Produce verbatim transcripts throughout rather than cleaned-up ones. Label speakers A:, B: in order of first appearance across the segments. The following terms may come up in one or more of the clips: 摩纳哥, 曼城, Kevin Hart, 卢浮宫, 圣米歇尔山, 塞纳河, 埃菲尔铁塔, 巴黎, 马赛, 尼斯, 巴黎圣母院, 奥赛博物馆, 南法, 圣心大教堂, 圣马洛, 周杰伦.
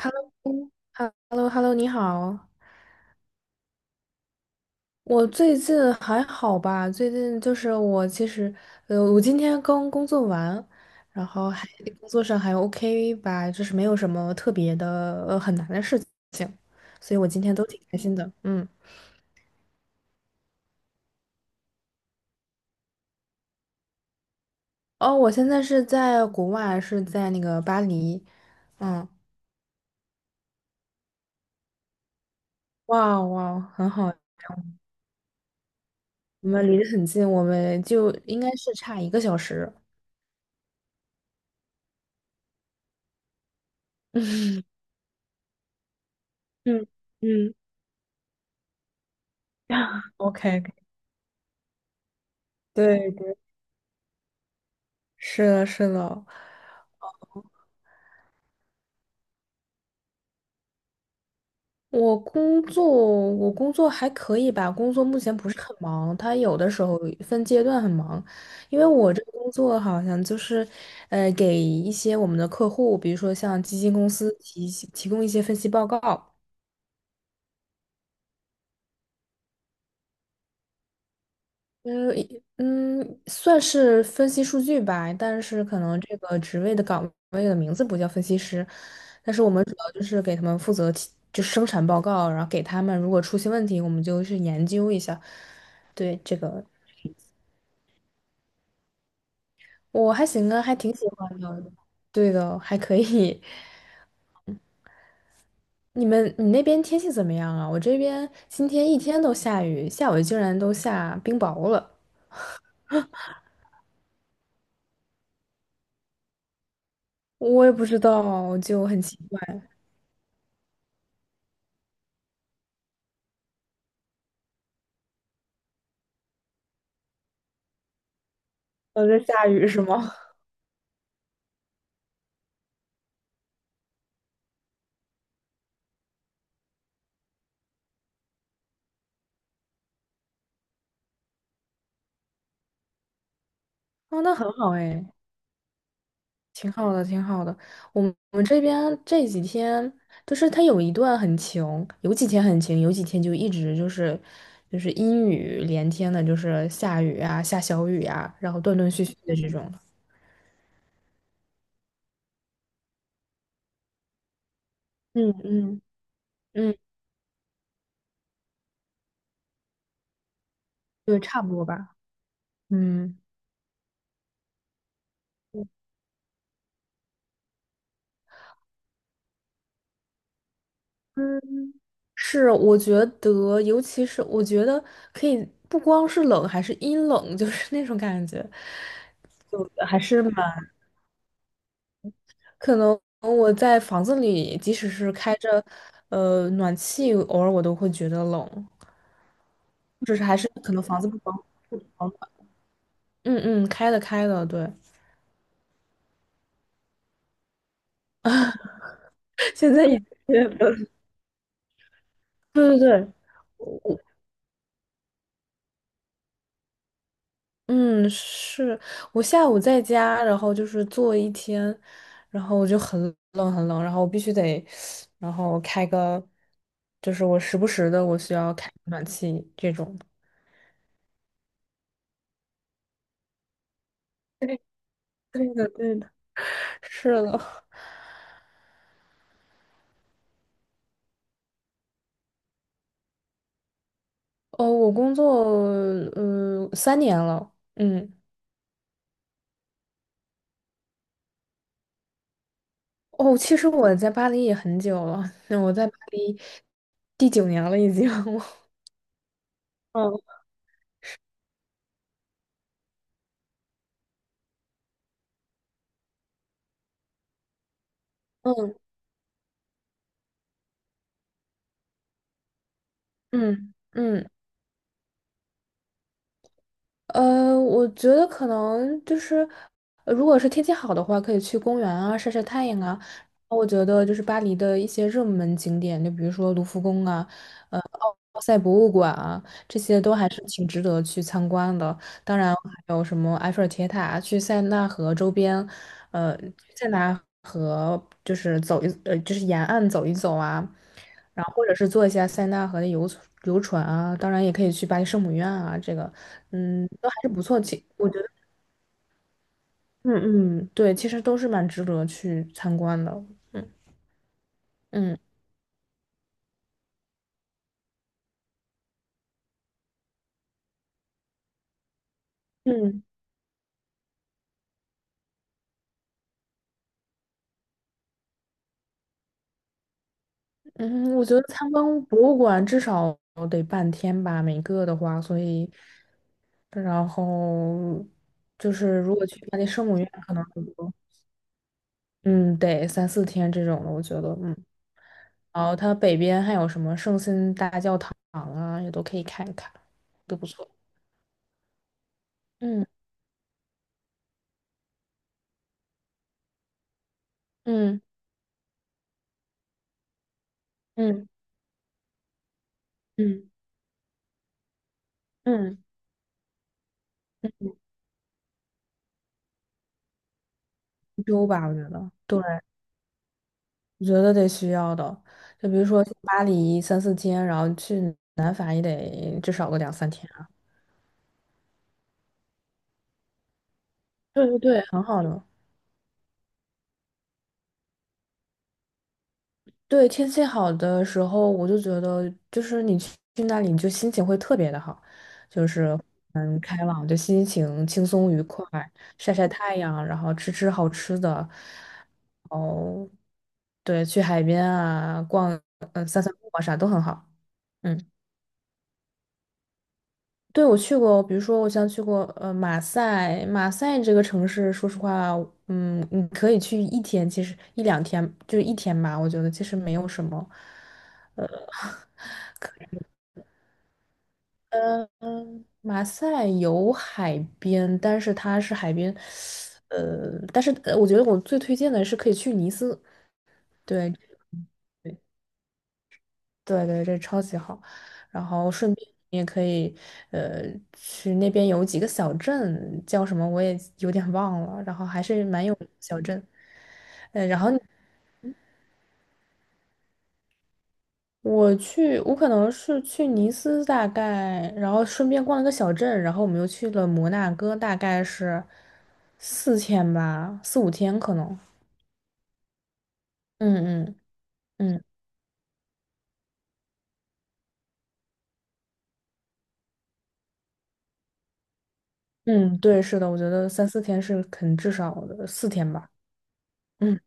A: h e l l o h e l l o h e l l o 你好。我最近还好吧？最近就是我其实，呃，我今天刚工作完，然后还工作上还 OK 吧，就是没有什么特别的，呃，很难的事情，所以我今天都挺开心的。嗯。哦，我现在是在国外，是在那个巴黎。嗯，哇哇，很好，我们离得很近，我们就应该是差一个小时。嗯嗯嗯 ，OK，对对，是的，是的。我工作，我工作还可以吧，工作目前不是很忙，它有的时候分阶段很忙，因为我这个工作好像就是，呃，给一些我们的客户，比如说像基金公司提提供一些分析报告。嗯嗯，算是分析数据吧，但是可能这个职位的岗位的名字不叫分析师，但是我们主要就是给他们负责提就生产报告，然后给他们如果出现问题，我们就去研究一下。对，这个我还行啊，还挺喜欢的。对的，还可以。你们你那边天气怎么样啊？我这边今天一天都下雨，下午竟然都下冰雹了，我也不知道，就很奇怪。呃，在下雨是吗？哦，那很好哎，挺好的，挺好的。我们我们这边这几天，就是它有一段很晴，有几天很晴，有几天就一直就是就是阴雨连天的，就是下雨啊，下小雨啊，然后断断续续的这种的。嗯嗯嗯，对，差不多吧。嗯。嗯，是，我觉得，尤其是我觉得可以，不光是冷，还是阴冷，就是那种感觉。还是蛮。可能我在房子里，即使是开着呃暖气，偶尔我都会觉得冷，或者是还是可能房子不保不保暖。嗯嗯，开的开的，对。现在也觉得 对对对，我嗯是，我下午在家，然后就是坐一天，然后我就很冷很冷，然后我必须得，然后开个，就是我时不时的我需要开暖气这种。对，对的对的，是的。哦，我工作嗯三年了。嗯。哦，其实我在巴黎也很久了，那我在巴黎第九年了已经。嗯嗯嗯嗯。呃，我觉得可能就是，呃如果是天气好的话，可以去公园啊，晒晒太阳啊。我觉得就是巴黎的一些热门景点，就比如说卢浮宫啊，呃，奥赛博物馆啊，这些都还是挺值得去参观的。当然还有什么埃菲尔铁塔，去塞纳河周边，呃，塞纳河就是走一，呃，就是沿岸走一走啊，然后或者是坐一下塞纳河的游游船啊，当然也可以去巴黎圣母院啊，这个，嗯，都还是不错，其我觉得。嗯嗯，对，其实都是蛮值得去参观的。嗯嗯嗯。嗯，我觉得参观博物馆至少得半天吧，每个的话，所以，然后就是如果去巴黎圣母院，可能很多，嗯，得三四天这种的，我觉得。嗯。然后它北边还有什么圣心大教堂啊，也都可以看一看，都不错。嗯嗯嗯嗯嗯嗯，欧洲吧，我觉得，对。我觉得得需要的。就比如说去巴黎三四天，然后去南法也得至少个两三天。对对对，很好的。对，天气好的时候，我就觉得就是你去去那里，你就心情会特别的好，就是嗯开朗，就心情轻松愉快，晒晒太阳，然后吃吃好吃的，对，去海边啊，逛，嗯、散散步啊，啥都很好。嗯。对，我去过，比如说我像去过呃马赛，马赛这个城市，说实话，嗯，你可以去一天，其实一两天就是一天吧，我觉得其实没有什么。呃嗯，嗯马赛有海边，但是它是海边，呃，但是呃我觉得我最推荐的是可以去尼斯。对，对对，这超级好。然后顺便你也可以，呃，去那边有几个小镇，叫什么我也有点忘了，然后还是蛮有名的小镇。我去，我可能是去尼斯大概，然后顺便逛了个小镇，然后我们又去了摩纳哥，大概是四天吧，四五天可能。嗯嗯嗯嗯，对，是的，我觉得三四天是肯至少的，四天吧。嗯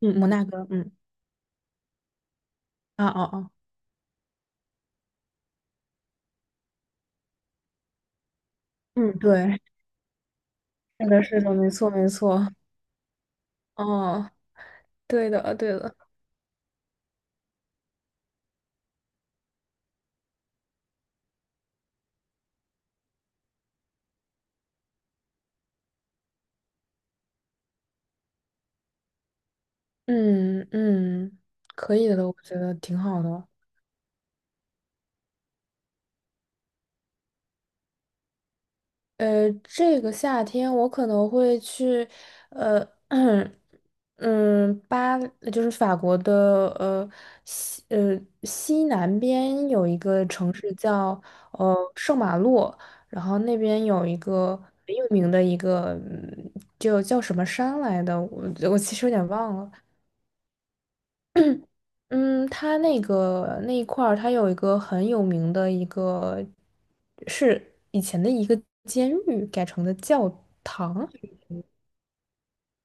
A: 嗯，摩纳哥。嗯啊哦哦，嗯对。是的，是的，没错，没错。哦，对的，对的。嗯嗯，可以的，我觉得挺好的。呃，这个夏天我可能会去，呃，嗯，巴就是法国的呃西呃西南边有一个城市叫呃圣马洛，然后那边有一个很有名的一个，嗯就叫什么山来的，我我其实有点忘了。嗯，它那个那一块儿，它有一个很有名的一个，是以前的一个监狱改成的教堂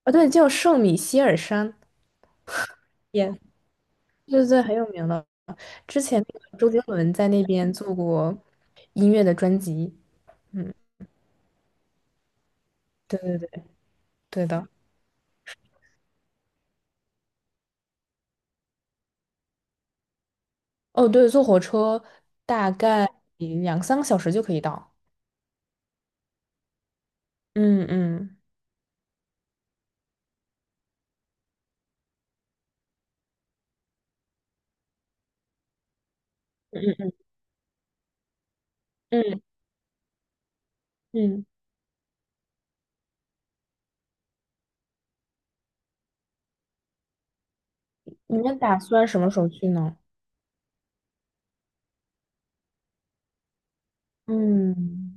A: 啊，对，叫圣米歇尔山，也对对对，很有名的。之前那个周杰伦在那边做过音乐的专辑。嗯，对对对，对的。哦，对，坐火车大概两三个小时就可以到。嗯嗯嗯嗯嗯嗯，你们打算什么时候去呢？嗯。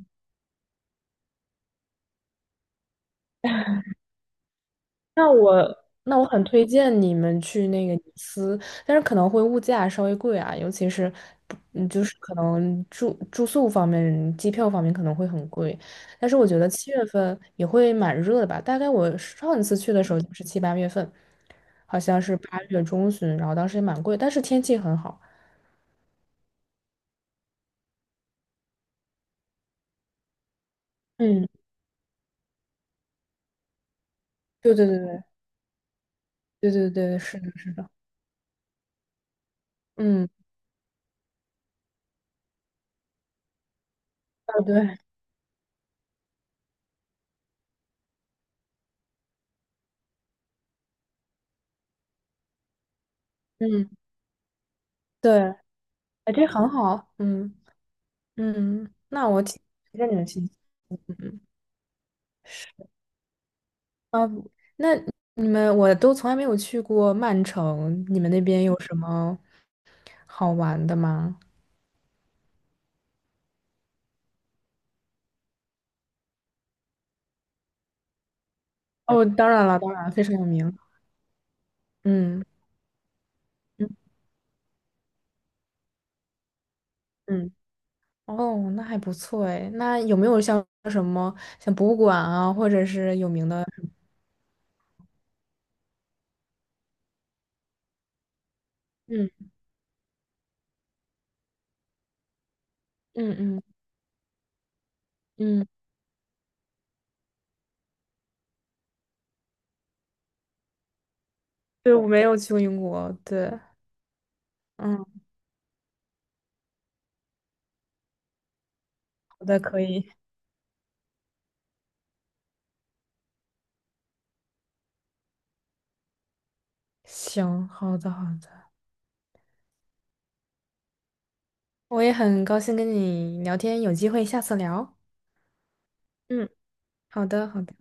A: 那我那我很推荐你们去那个尼斯，但是可能会物价稍微贵啊，尤其是不嗯，就是可能住住宿方面、机票方面可能会很贵。但是我觉得七月份也会蛮热的吧，大概我上一次去的时候就是七八月份，好像是八月中旬，然后当时也蛮贵，但是天气很好。嗯，对对对对对对对，是的，是的，嗯，哦对，嗯对，哎，这很好，嗯嗯，那我挺推荐你们去。嗯。啊，那你们我都从来没有去过曼城，你们那边有什么好玩的吗？哦，当然了，当然非常有名。嗯嗯嗯，哦，那还不错哎。那有没有像什么像博物馆啊，或者是有名的？嗯嗯嗯嗯，对，我没有去过英国。对，嗯，好的，可以，行，好的好的，我也很高兴跟你聊天，有机会下次聊。嗯，好的好的。